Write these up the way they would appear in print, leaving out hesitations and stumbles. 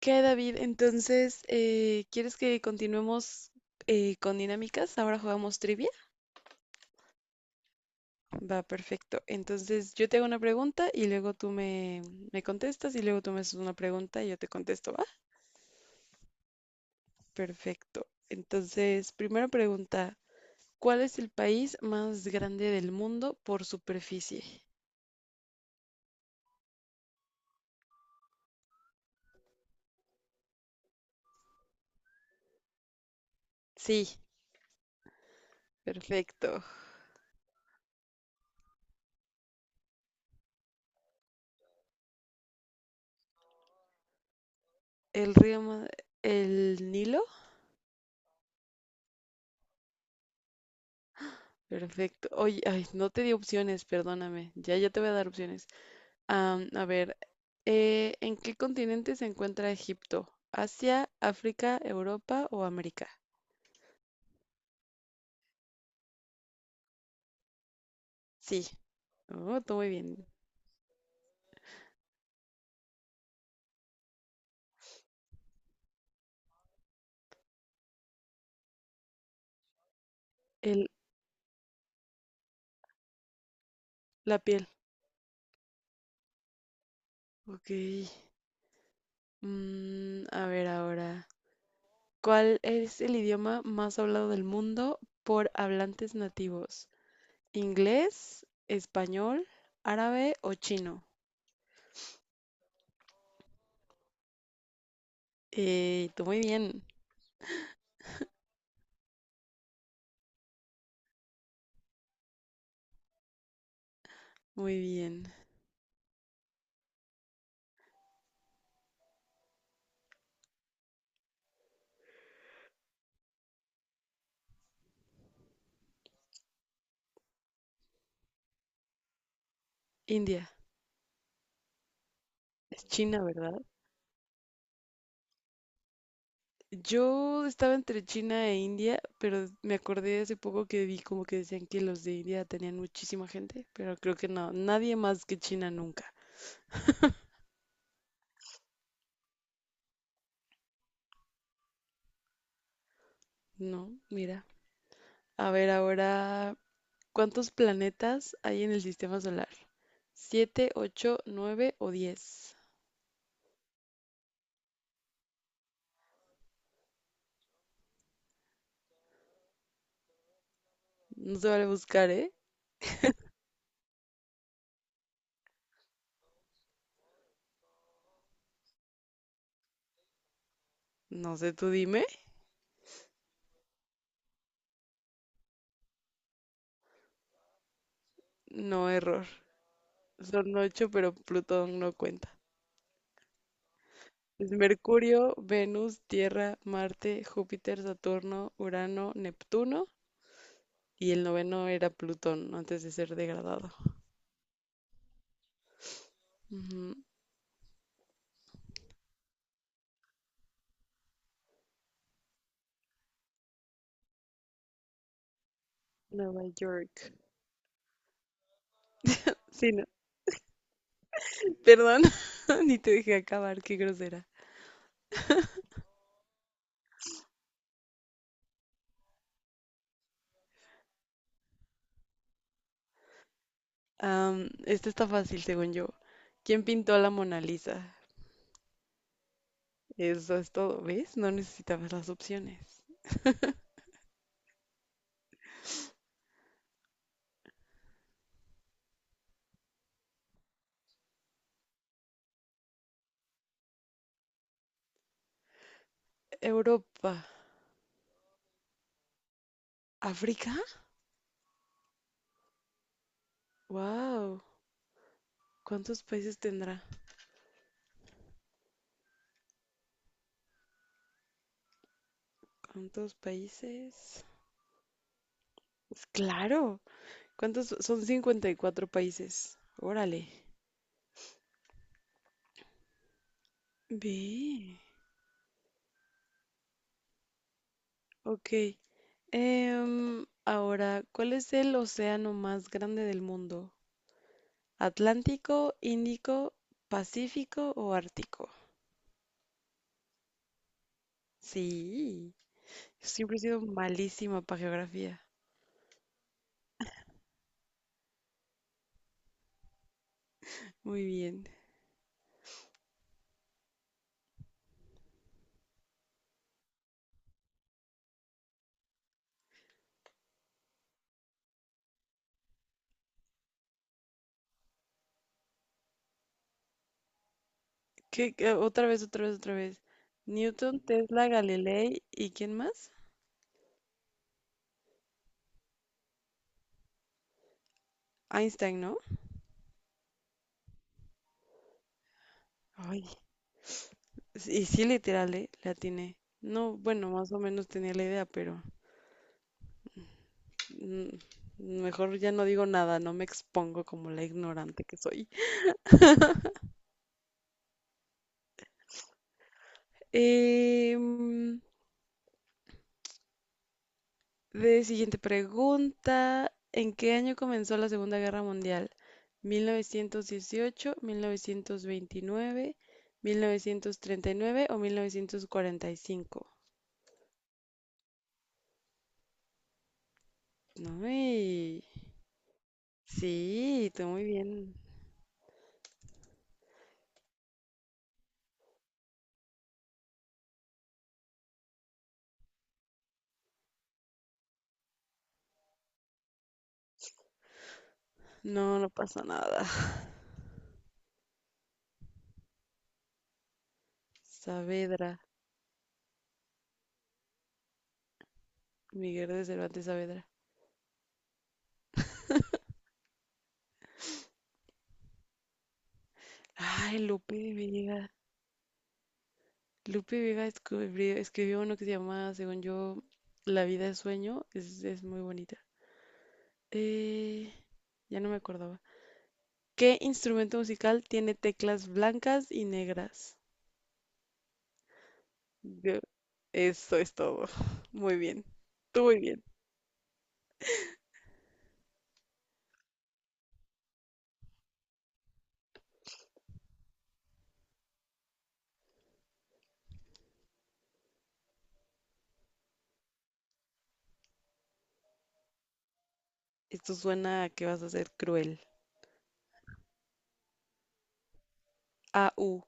¿Qué, David? Entonces, ¿quieres que continuemos con dinámicas? Ahora jugamos trivia. Va, perfecto. Entonces, yo te hago una pregunta y luego tú me contestas y luego tú me haces una pregunta y yo te contesto, ¿va? Perfecto. Entonces, primera pregunta, ¿cuál es el país más grande del mundo por superficie? Sí, perfecto. ¿El río, el Nilo? Perfecto. Oye, ay, no te di opciones, perdóname. Ya, ya te voy a dar opciones. A ver, ¿en qué continente se encuentra Egipto? ¿Asia, África, Europa o América? Sí. Oh, todo muy bien. El, la piel. Ok. Mm, a ver ahora. ¿Cuál es el idioma más hablado del mundo por hablantes nativos? ¿Inglés, español, árabe o chino? Tú muy bien. Muy bien. India. Es China, ¿verdad? Yo estaba entre China e India, pero me acordé hace poco que vi como que decían que los de India tenían muchísima gente, pero creo que no, nadie más que China nunca. No, mira. A ver ahora, ¿cuántos planetas hay en el sistema solar? ¿Siete, ocho, nueve o diez? No se vale buscar, ¿eh? No sé, tú dime. No, error. Son ocho, pero Plutón no cuenta. Es Mercurio, Venus, Tierra, Marte, Júpiter, Saturno, Urano, Neptuno y el noveno era Plutón antes de ser degradado. Ujú. Nueva York. Sí, no. Perdón, ni te dejé acabar, qué grosera. Esta está fácil, según yo. ¿Quién pintó la Mona Lisa? Eso es todo, ¿ves? No necesitabas las opciones. Europa. ¿África? ¡Wow! ¿Cuántos países tendrá? ¿Cuántos países? Pues claro. ¿Cuántos? Son 54 países. Órale. Ve. Ok. Ahora, ¿cuál es el océano más grande del mundo? ¿Atlántico, Índico, Pacífico o Ártico? Sí, siempre he sido malísima para geografía. Muy bien. Otra vez, otra vez, otra vez. Newton, Tesla, Galilei y ¿quién más? Einstein, ¿no? Ay, y sí, literal, ¿eh? La atiné. No, bueno, más o menos tenía la idea, pero Mm, mejor ya no digo nada, no me expongo como la ignorante que soy. Em, de siguiente pregunta, ¿en qué año comenzó la Segunda Guerra Mundial? ¿1918, 1929, 1939 o 1945? No, sí, tú muy bien. No, no pasa nada. Saavedra, Miguel de Cervantes Saavedra. Ay, Lupe de Vega. Lupe Vega escribió uno que se llama, según yo, La vida es sueño. Es muy bonita. Eh, ya no me acordaba. ¿Qué instrumento musical tiene teclas blancas y negras? Yo- Eso es todo. Muy bien. Tú muy bien. Esto suena a que vas a ser cruel. A U.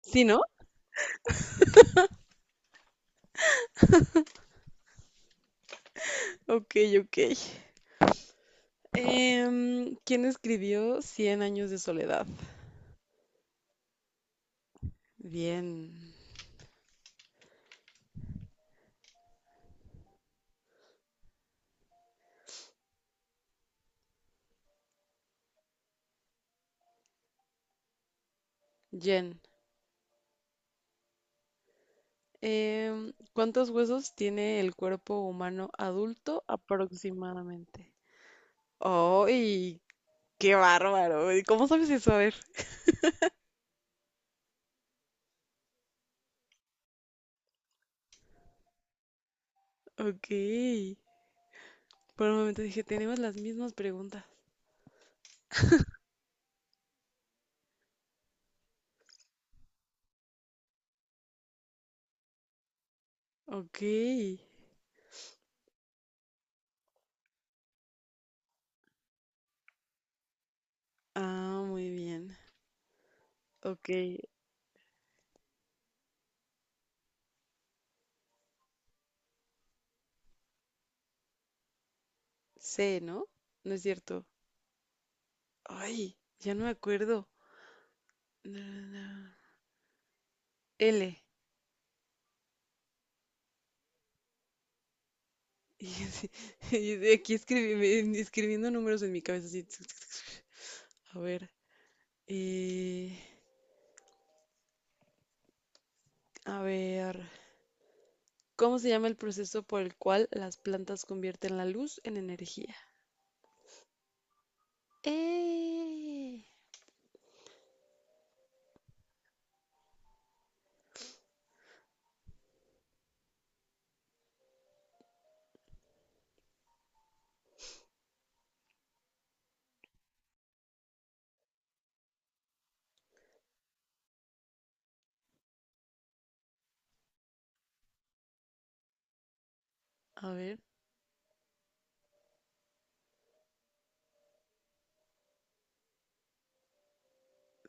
¿Sí, no? Ok, ok. ¿Quién escribió Cien años de soledad? Bien. Jen. ¿Cuántos huesos tiene el cuerpo humano adulto aproximadamente? ¡Ay! ¡Qué bárbaro! ¿Y Cómo sabes eso? A ver. Ok. Por un momento dije, tenemos las mismas preguntas. Ok. Ah, muy bien. Ok. C, ¿no? No es cierto. Ay, ya no me acuerdo. Na, na, na. L. Y yo así- y de aquí escribiendo números en mi cabeza así. A ver. eh, A ver, ¿Cómo se llama el proceso por el cual las plantas convierten la luz en energía? ¡Eh! A ver,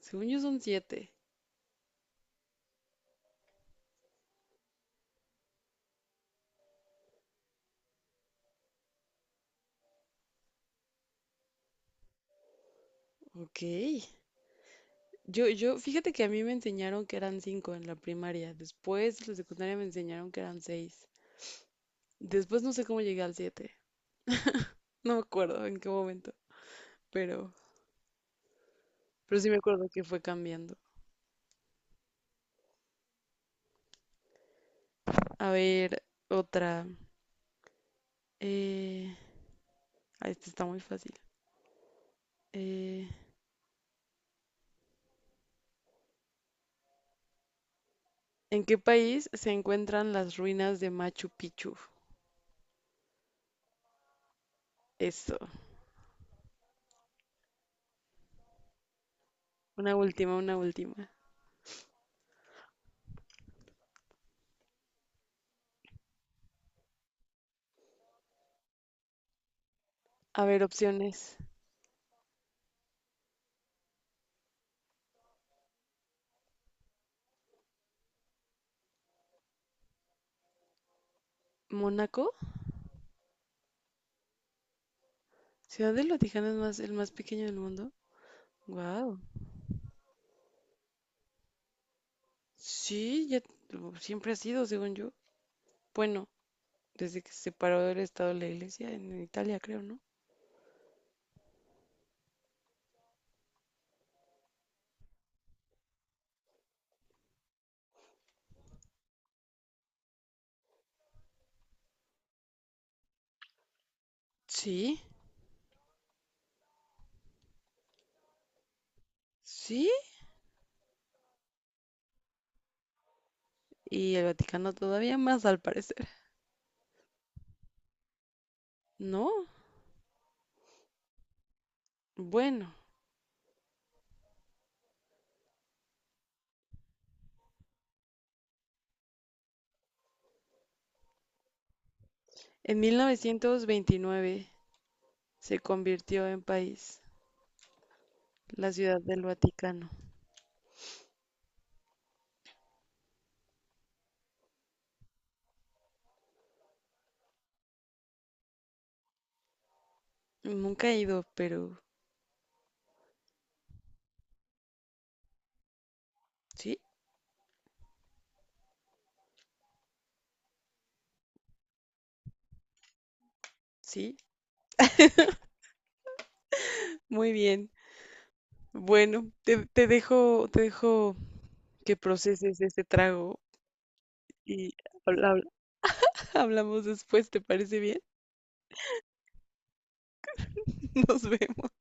según yo son siete. Ok. Fíjate que a mí me enseñaron que eran cinco en la primaria. Después en la secundaria me enseñaron que eran seis. Después no sé cómo llegué al siete. No me acuerdo en qué momento, pero, pero sí me acuerdo que fue cambiando. A ver, otra. Eh, esta está muy fácil. Eh, ¿En qué país se encuentran las ruinas de Machu Picchu? Eso. Una última, una última. A ver, opciones. ¿Mónaco? ¿Ciudad del Vaticano es más, el más pequeño del mundo? Wow. Sí, siempre ha sido, según yo. Bueno, desde que se separó del Estado de la Iglesia en Italia, creo, ¿no? Sí, sí. Y el Vaticano todavía más, al parecer. No. Bueno, en 1929 se convirtió en país, la Ciudad del Vaticano. Nunca he ido, pero sí, sí. Muy bien. Bueno, te dejo que proceses este trago y habla- habla- hablamos después, ¿te parece bien? Nos vemos.